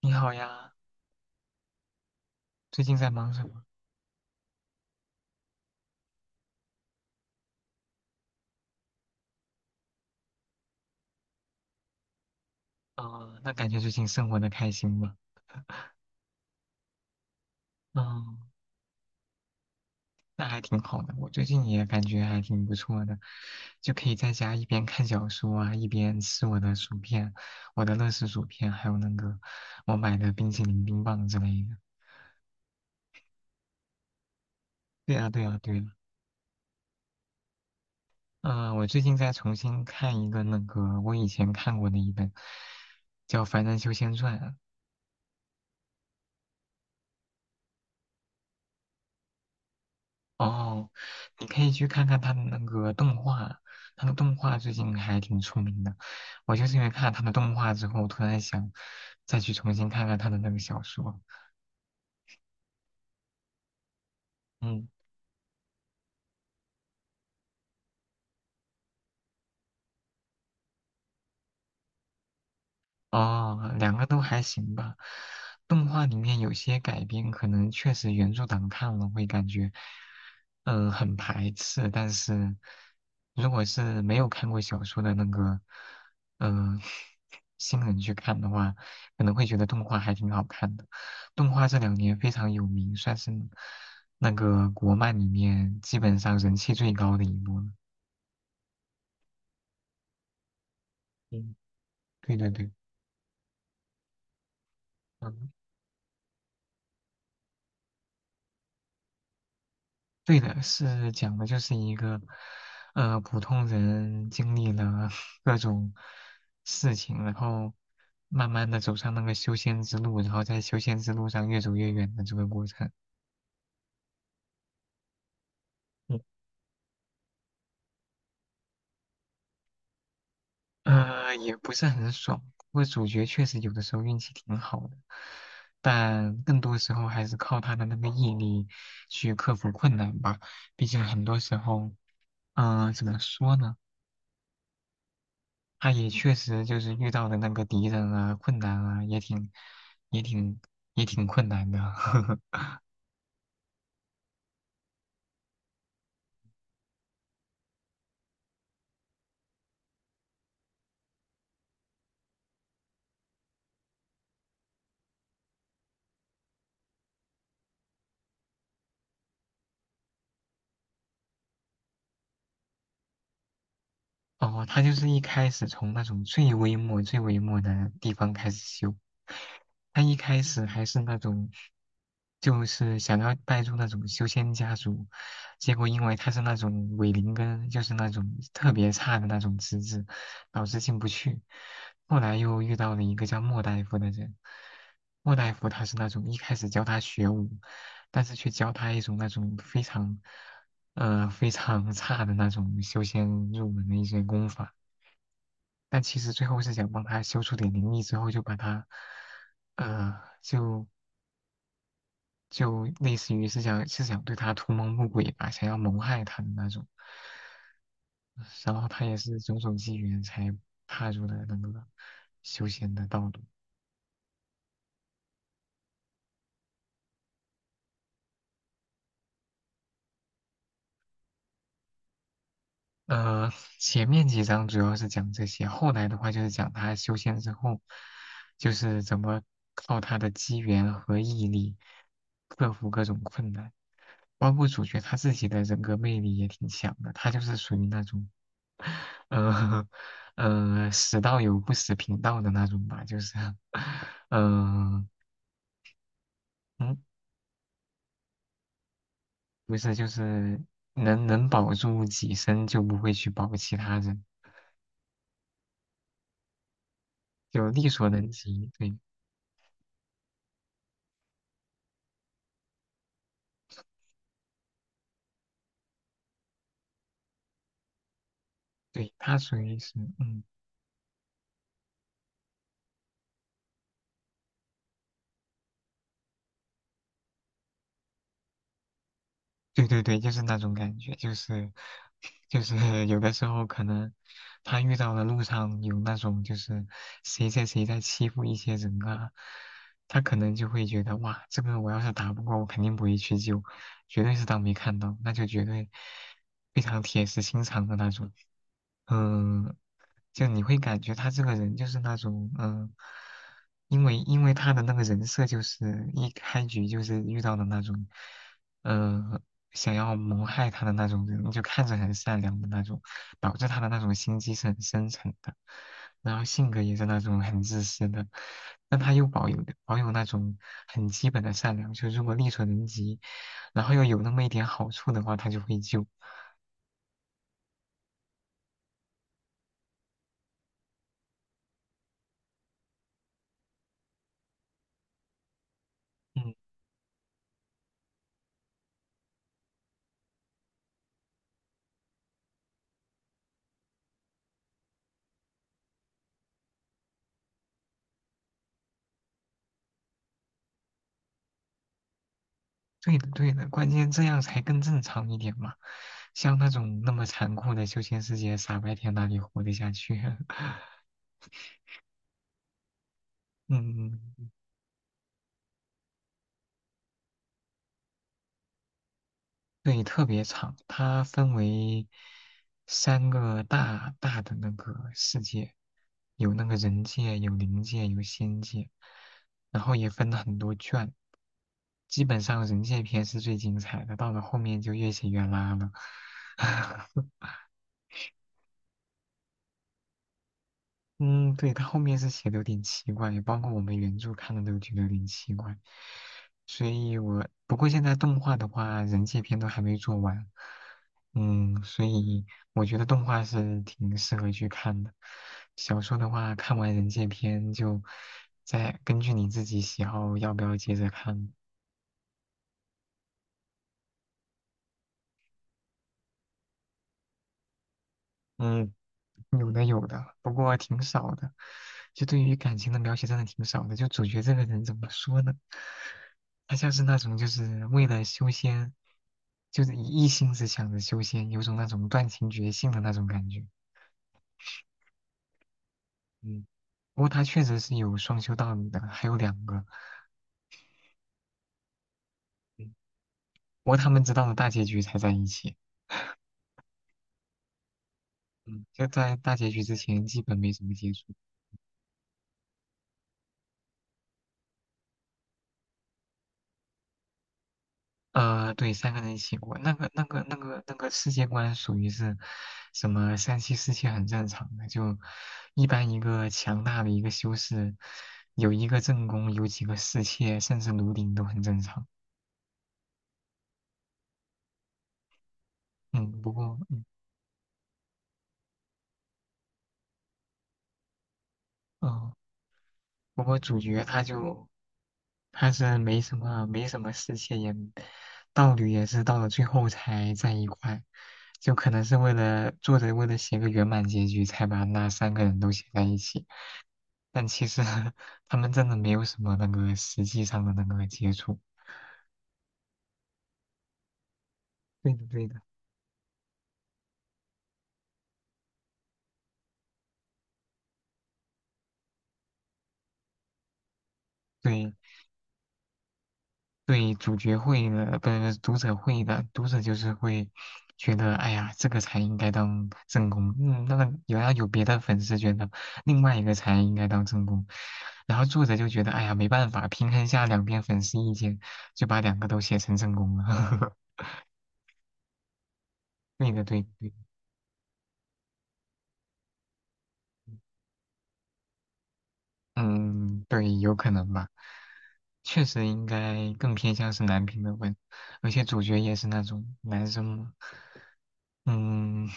你好呀，最近在忙什么？啊、那感觉最近生活的开心吗？嗯，那还挺好的。我最近也感觉还挺不错的，就可以在家一边看小说啊，一边吃我的薯片，我的乐事薯片，还有那个我买的冰淇淋、冰棒之类的。对啊，对啊，对啊。嗯、我最近在重新看一个那个我以前看过的一本，叫《凡人修仙传》，哦，你可以去看看他的那个动画，他的动画最近还挺出名的。我就是因为看了他的动画之后，突然想再去重新看看他的那个小说。嗯。哦，两个都还行吧。动画里面有些改编，可能确实原著党看了会感觉，很排斥。但是如果是没有看过小说的那个，嗯、新人去看的话，可能会觉得动画还挺好看的。动画这两年非常有名，算是那个国漫里面基本上人气最高的一部了。嗯，对对对，嗯。对的，是讲的就是一个，普通人经历了 各种事情，然后慢慢的走上那个修仙之路，然后在修仙之路上越走越远的这个过程。嗯，也不是很爽，不过主角确实有的时候运气挺好的，但更多时候还是靠他的那个毅力去克服困难吧。毕竟很多时候，怎么说呢？他也确实就是遇到的那个敌人啊，困难啊，也挺也挺也挺困难的。哦，他就是一开始从那种最微末、最微末的地方开始修。他一开始还是那种，就是想要带入那种修仙家族，结果因为他是那种伪灵根，就是那种特别差的那种资质，导致进不去。后来又遇到了一个叫莫大夫的人，莫大夫他是那种一开始教他学武，但是却教他一种那种非常。非常 差的那种修仙入门的一些功法，但其实最后是想帮他修出点灵力之后，就把他，呃，就类似于是想是想对他图谋不轨吧，想要谋害他的那种，然后他也是种种机缘才踏入了那个修仙的道路。呃，前面几章主要是讲这些，后来的话就是讲他修仙之后，就是怎么靠他的机缘和毅力克服各种困难，包括主角他自己的人格魅力也挺强的，他就是属于那种，呃死道友不死贫道的那种吧，就是，嗯、嗯，不是，就是能保住己身就不会去保其他人，就力所能及，对。对，它属于是，嗯。对对对，就是那种感觉，就是有的时候可能他遇到的路上有那种就是谁在欺负一些人啊，他可能就会觉得哇，这个我要是打不过，我肯定不会去救，绝对是当没看到，那就绝对非常铁石心肠的那种。嗯，就你会感觉他这个人就是那种嗯，因为他的那个人设就是一开局就是遇到的那种。呃想要谋害他的那种人，就看着很善良的那种，导致他的那种心机是很深沉的，然后性格也是那种很自私的，但他又保有那种很基本的善良，就如果力所能及，然后又有那么一点好处的话，他就会救。嗯，对的对的，关键这样才更正常一点嘛，像那种那么残酷的修仙世界，傻白甜哪里活得下去啊？嗯。嗯对，特别长，它分为三个大大的那个世界，有那个人界，有灵界，有仙界，然后也分了很多卷。基本上人界篇是最精彩的，到了后面就越写越拉了。嗯，对，他后面是写的有点奇怪，也包括我们原著看的都觉得有点奇怪，所以我不过现在动画的话，人界篇都还没做完，嗯，所以我觉得动画是挺适合去看的。小说的话，看完人界篇就再根据你自己喜好要不要接着看。嗯，有的有的，不过挺少的。就对于感情的描写真的挺少的。就主角这个人怎么说呢？他像是那种就是为了修仙，就是一心只想着修仙，有种那种断情绝性的那种感觉。嗯，不过他确实是有双修道侣的，还有两个。嗯，不过他们直到了大结局才在一起。嗯，就在大结局之前基本没怎么接触。对，三个人一起过，那个世界观属于是什么三妻四妾很正常的，就一般一个强大的一个修士，有一个正宫，有几个侍妾，甚至奴婢都很正常。嗯，不过，嗯，哦，不过主角他就他是没什么侍妾也，道侣也是到了最后才在一块，就可能是为了作者为了写个圆满结局，才把那三个人都写在一起。但其实 他们真的没有什么那个实际上的那个接触。对的，对的，对对，主角会的，不是读者会的，读者就是会觉得，哎呀，这个才应该当正宫，嗯，那个有别的粉丝觉得另外一个才应该当正宫，然后作者就觉得，哎呀，没办法，平衡下两边粉丝意见，就把两个都写成正宫了。对的，对的对的嗯，对，有可能吧。确实应该更偏向是男频的文，而且主角也是那种男生嘛。嗯，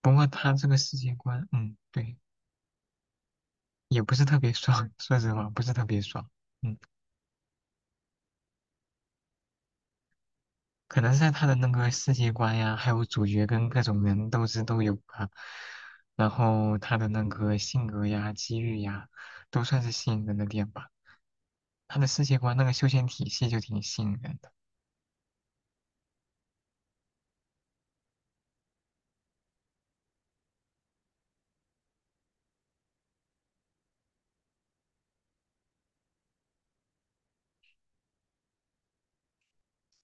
不过他这个世界观，嗯，对，也不是特别爽，说实话，不是特别爽。嗯，可能是在他的那个世界观呀，还有主角跟各种人斗智都有啊，然后他的那个性格呀、机遇呀，都算是吸引人的点吧。他的世界观那个修仙体系就挺吸引人。的。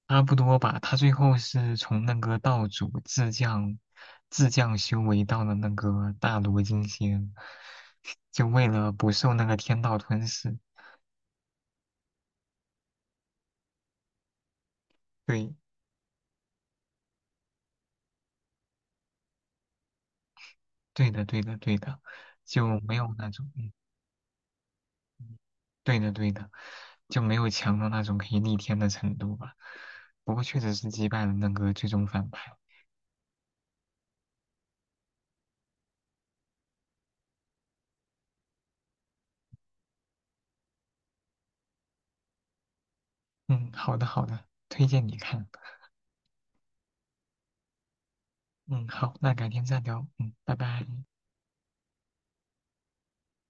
差不多吧，他最后是从那个道主自降修为到了那个大罗金仙，就为了不受那个天道吞噬。对，对的，对的，对的，就没有那种，嗯，对的，对的，就没有强到那种可以逆天的程度吧。不过确实是击败了那个最终反派。嗯，好的，好的，推荐你看。嗯，好，那改天再聊。嗯，拜拜。